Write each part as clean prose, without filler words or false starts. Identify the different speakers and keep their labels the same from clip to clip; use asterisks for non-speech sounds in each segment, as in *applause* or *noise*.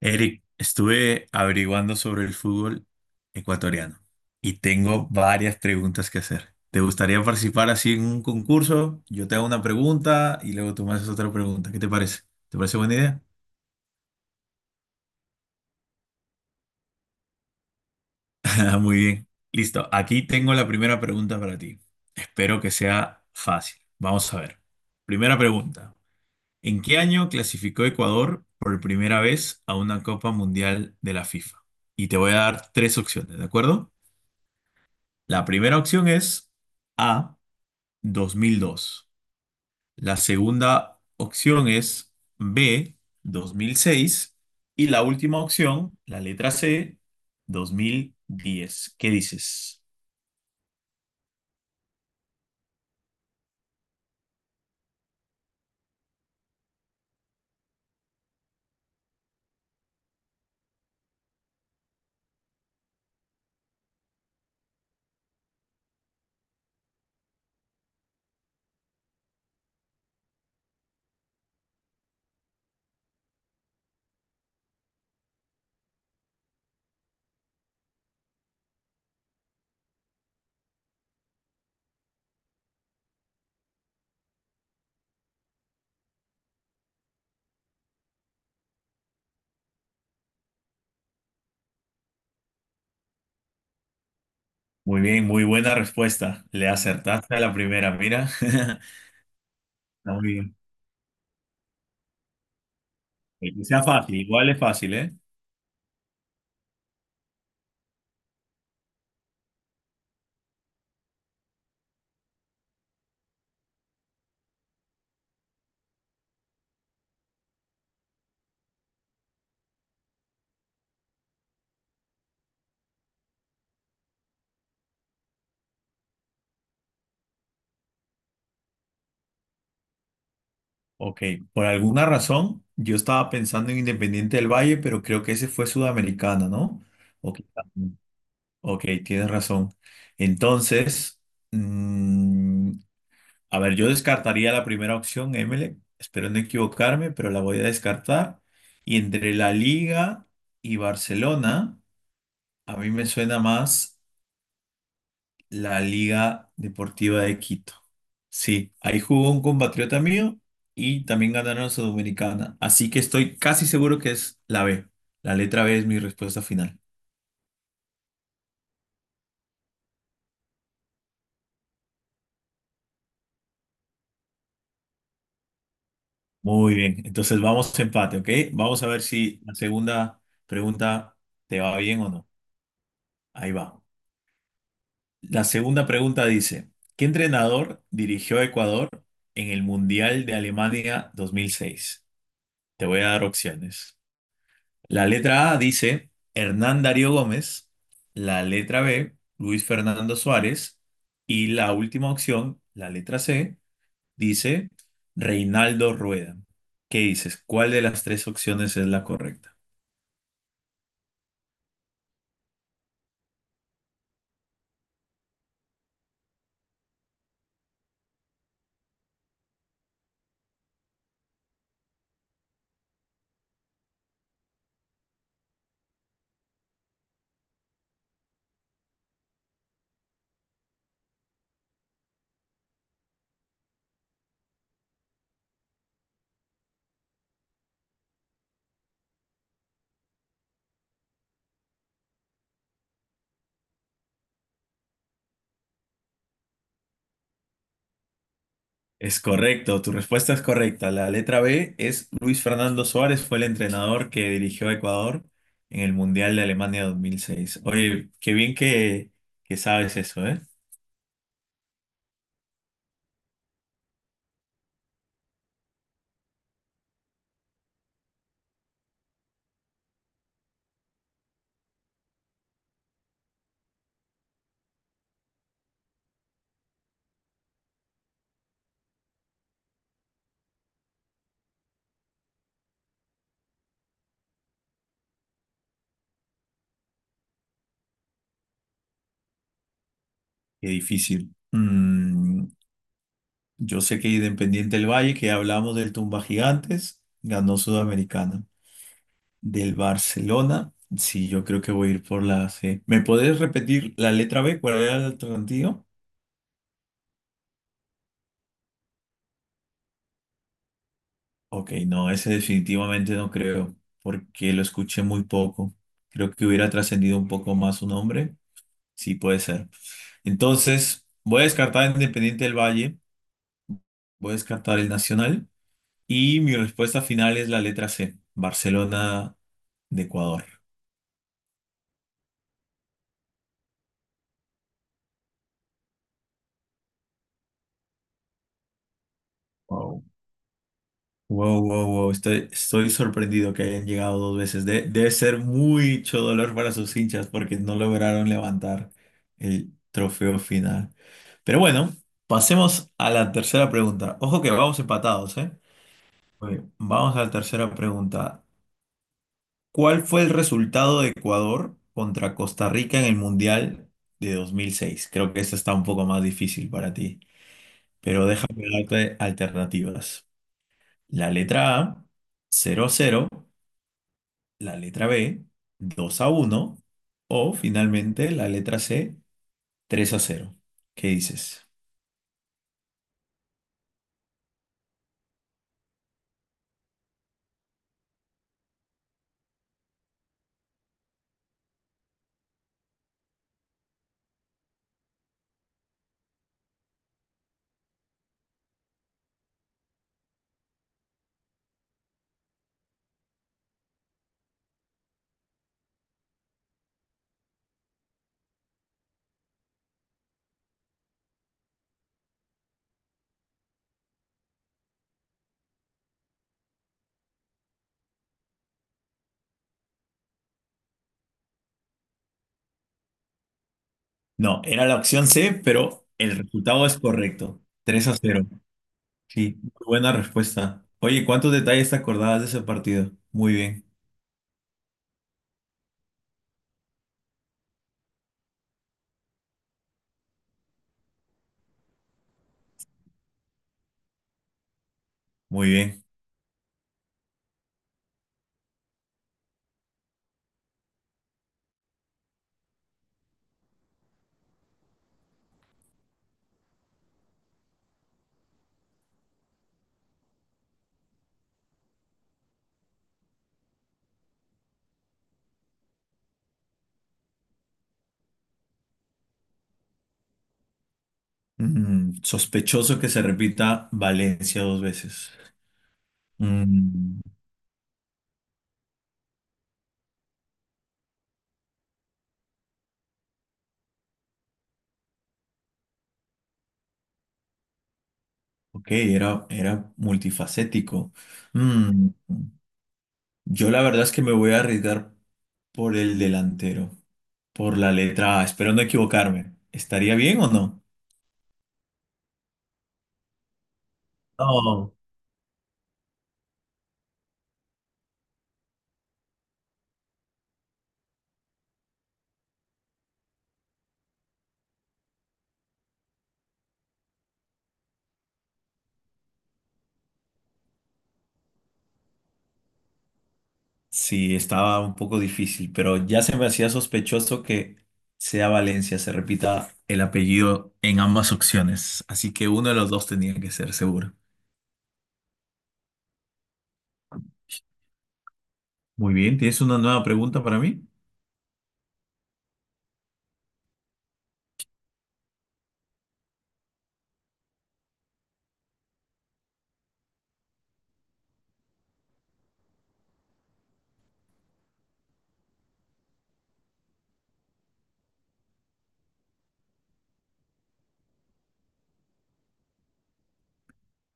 Speaker 1: Eric, estuve averiguando sobre el fútbol ecuatoriano y tengo varias preguntas que hacer. ¿Te gustaría participar así en un concurso? Yo te hago una pregunta y luego tú me haces otra pregunta. ¿Qué te parece? ¿Te parece buena idea? *laughs* Muy bien. Listo. Aquí tengo la primera pregunta para ti. Espero que sea fácil. Vamos a ver. Primera pregunta. ¿En qué año clasificó Ecuador por primera vez a una Copa Mundial de la FIFA? Y te voy a dar tres opciones, ¿de acuerdo? La primera opción es A, 2002. La segunda opción es B, 2006. Y la última opción, la letra C, 2010. ¿Qué dices? Muy bien, muy buena respuesta. Le acertaste a la primera, mira. *laughs* Está muy bien. Que sea fácil, igual es fácil, ¿eh? Ok, por alguna razón yo estaba pensando en Independiente del Valle, pero creo que ese fue Sudamericana, ¿no? Ok. Ok, tienes razón. Entonces, mm, a ver, yo descartaría la primera opción, Emelec. Espero no equivocarme, pero la voy a descartar. Y entre la Liga y Barcelona, a mí me suena más la Liga Deportiva de Quito. Sí, ahí jugó un compatriota mío y también ganaron la Sudamericana. Así que estoy casi seguro que es la B. La letra B es mi respuesta final. Muy bien, entonces vamos a empate, ¿ok? Vamos a ver si la segunda pregunta te va bien o no. Ahí va. La segunda pregunta dice: ¿qué entrenador dirigió a Ecuador en el Mundial de Alemania 2006? Te voy a dar opciones. La letra A dice Hernán Darío Gómez, la letra B, Luis Fernando Suárez, y la última opción, la letra C, dice Reinaldo Rueda. ¿Qué dices? ¿Cuál de las tres opciones es la correcta? Es correcto, tu respuesta es correcta. La letra B es Luis Fernando Suárez, fue el entrenador que dirigió a Ecuador en el Mundial de Alemania 2006. Oye, qué bien que sabes eso, ¿eh? Qué difícil. Yo sé que Independiente del Valle, que hablamos del Tumba Gigantes, ganó Sudamericana. Del Barcelona, sí, yo creo que voy a ir por la C. ¿Me podés repetir la letra B? ¿Cuál era el alternativo? Ok, no, ese definitivamente no creo, porque lo escuché muy poco. Creo que hubiera trascendido un poco más su nombre. Sí, puede ser. Entonces, voy a descartar Independiente del Valle, voy a descartar el Nacional y mi respuesta final es la letra C, Barcelona de Ecuador. Wow, wow, wow, estoy sorprendido que hayan llegado dos veces. Debe ser mucho dolor para sus hinchas porque no lograron levantar el trofeo final. Pero bueno, pasemos a la tercera pregunta. Ojo que vamos empatados, ¿eh? Oye, vamos a la tercera pregunta. ¿Cuál fue el resultado de Ecuador contra Costa Rica en el Mundial de 2006? Creo que esta está un poco más difícil para ti, pero déjame darte alternativas. La letra A, cero a cero. La letra B, 2 a uno, o finalmente la letra C, 3 a cero. ¿Qué dices? No, era la opción C, pero el resultado es correcto, 3 a cero. Sí, muy buena respuesta. Oye, ¿cuántos detalles te acordabas de ese partido? Muy bien, muy bien. Sospechoso que se repita Valencia dos veces. Mm, ok, era multifacético. Mm, Yo la verdad es que me voy a arriesgar por el delantero, por la letra A, espero no equivocarme. ¿Estaría bien o no? No. Sí, estaba un poco difícil, pero ya se me hacía sospechoso que sea Valencia, se repita el apellido en ambas opciones, así que uno de los dos tenía que ser seguro. Muy bien, ¿tienes una nueva pregunta para mí?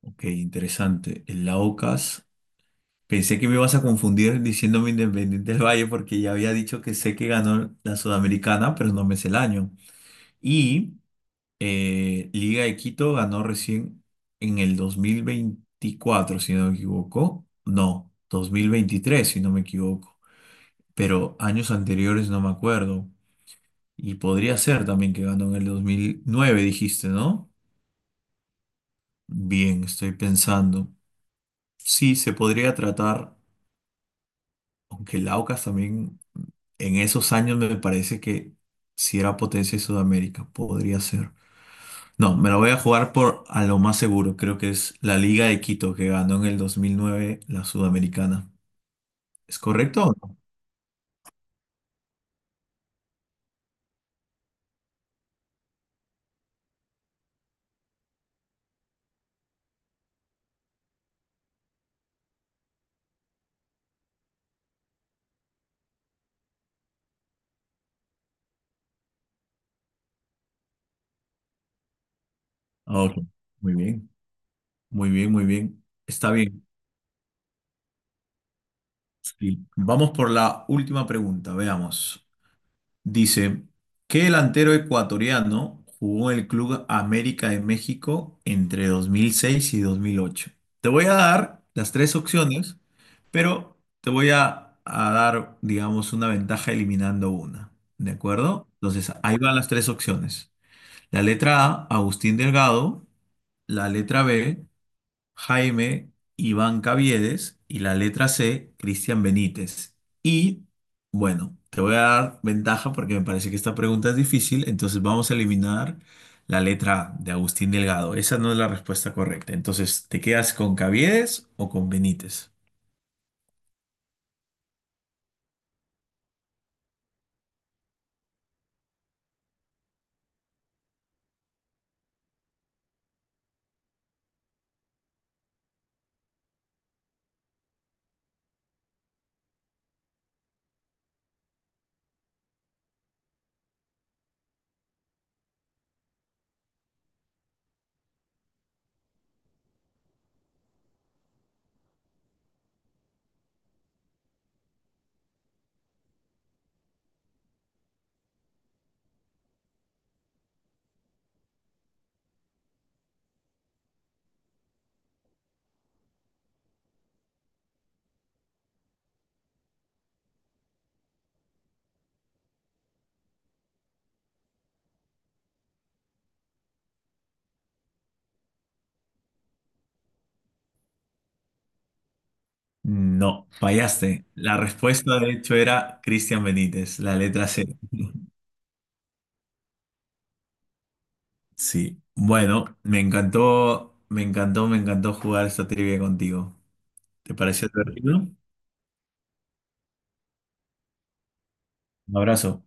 Speaker 1: Ok, interesante. El Laucas. Pensé que me ibas a confundir diciéndome Independiente del Valle porque ya había dicho que sé que ganó la Sudamericana, pero no me sé el año. Y Liga de Quito ganó recién en el 2024, si no me equivoco. No, 2023, si no me equivoco. Pero años anteriores no me acuerdo. Y podría ser también que ganó en el 2009, dijiste, ¿no? Bien, estoy pensando. Sí, se podría tratar. Aunque el Aucas también en esos años me parece que si era potencia de Sudamérica, podría ser. No, me lo voy a jugar por a lo más seguro. Creo que es la Liga de Quito que ganó en el 2009 la Sudamericana. ¿Es correcto o no? Ah, ok. Muy bien, muy bien, muy bien. Está bien. Sí. Vamos por la última pregunta, veamos. Dice, ¿qué delantero ecuatoriano jugó en el Club América de México entre 2006 y 2008? Te voy a dar las tres opciones, pero te voy a dar, digamos, una ventaja eliminando una, ¿de acuerdo? Entonces, ahí van las tres opciones. La letra A, Agustín Delgado, la letra B, Jaime Iván Caviedes, y la letra C, Cristian Benítez. Y bueno, te voy a dar ventaja porque me parece que esta pregunta es difícil, entonces vamos a eliminar la letra A de Agustín Delgado. Esa no es la respuesta correcta. Entonces, ¿te quedas con Caviedes o con Benítez? No, fallaste. La respuesta de hecho era Cristian Benítez, la letra C. *laughs* Sí. Bueno, me encantó, me encantó, me encantó jugar esta trivia contigo. ¿Te pareció divertido? Un abrazo.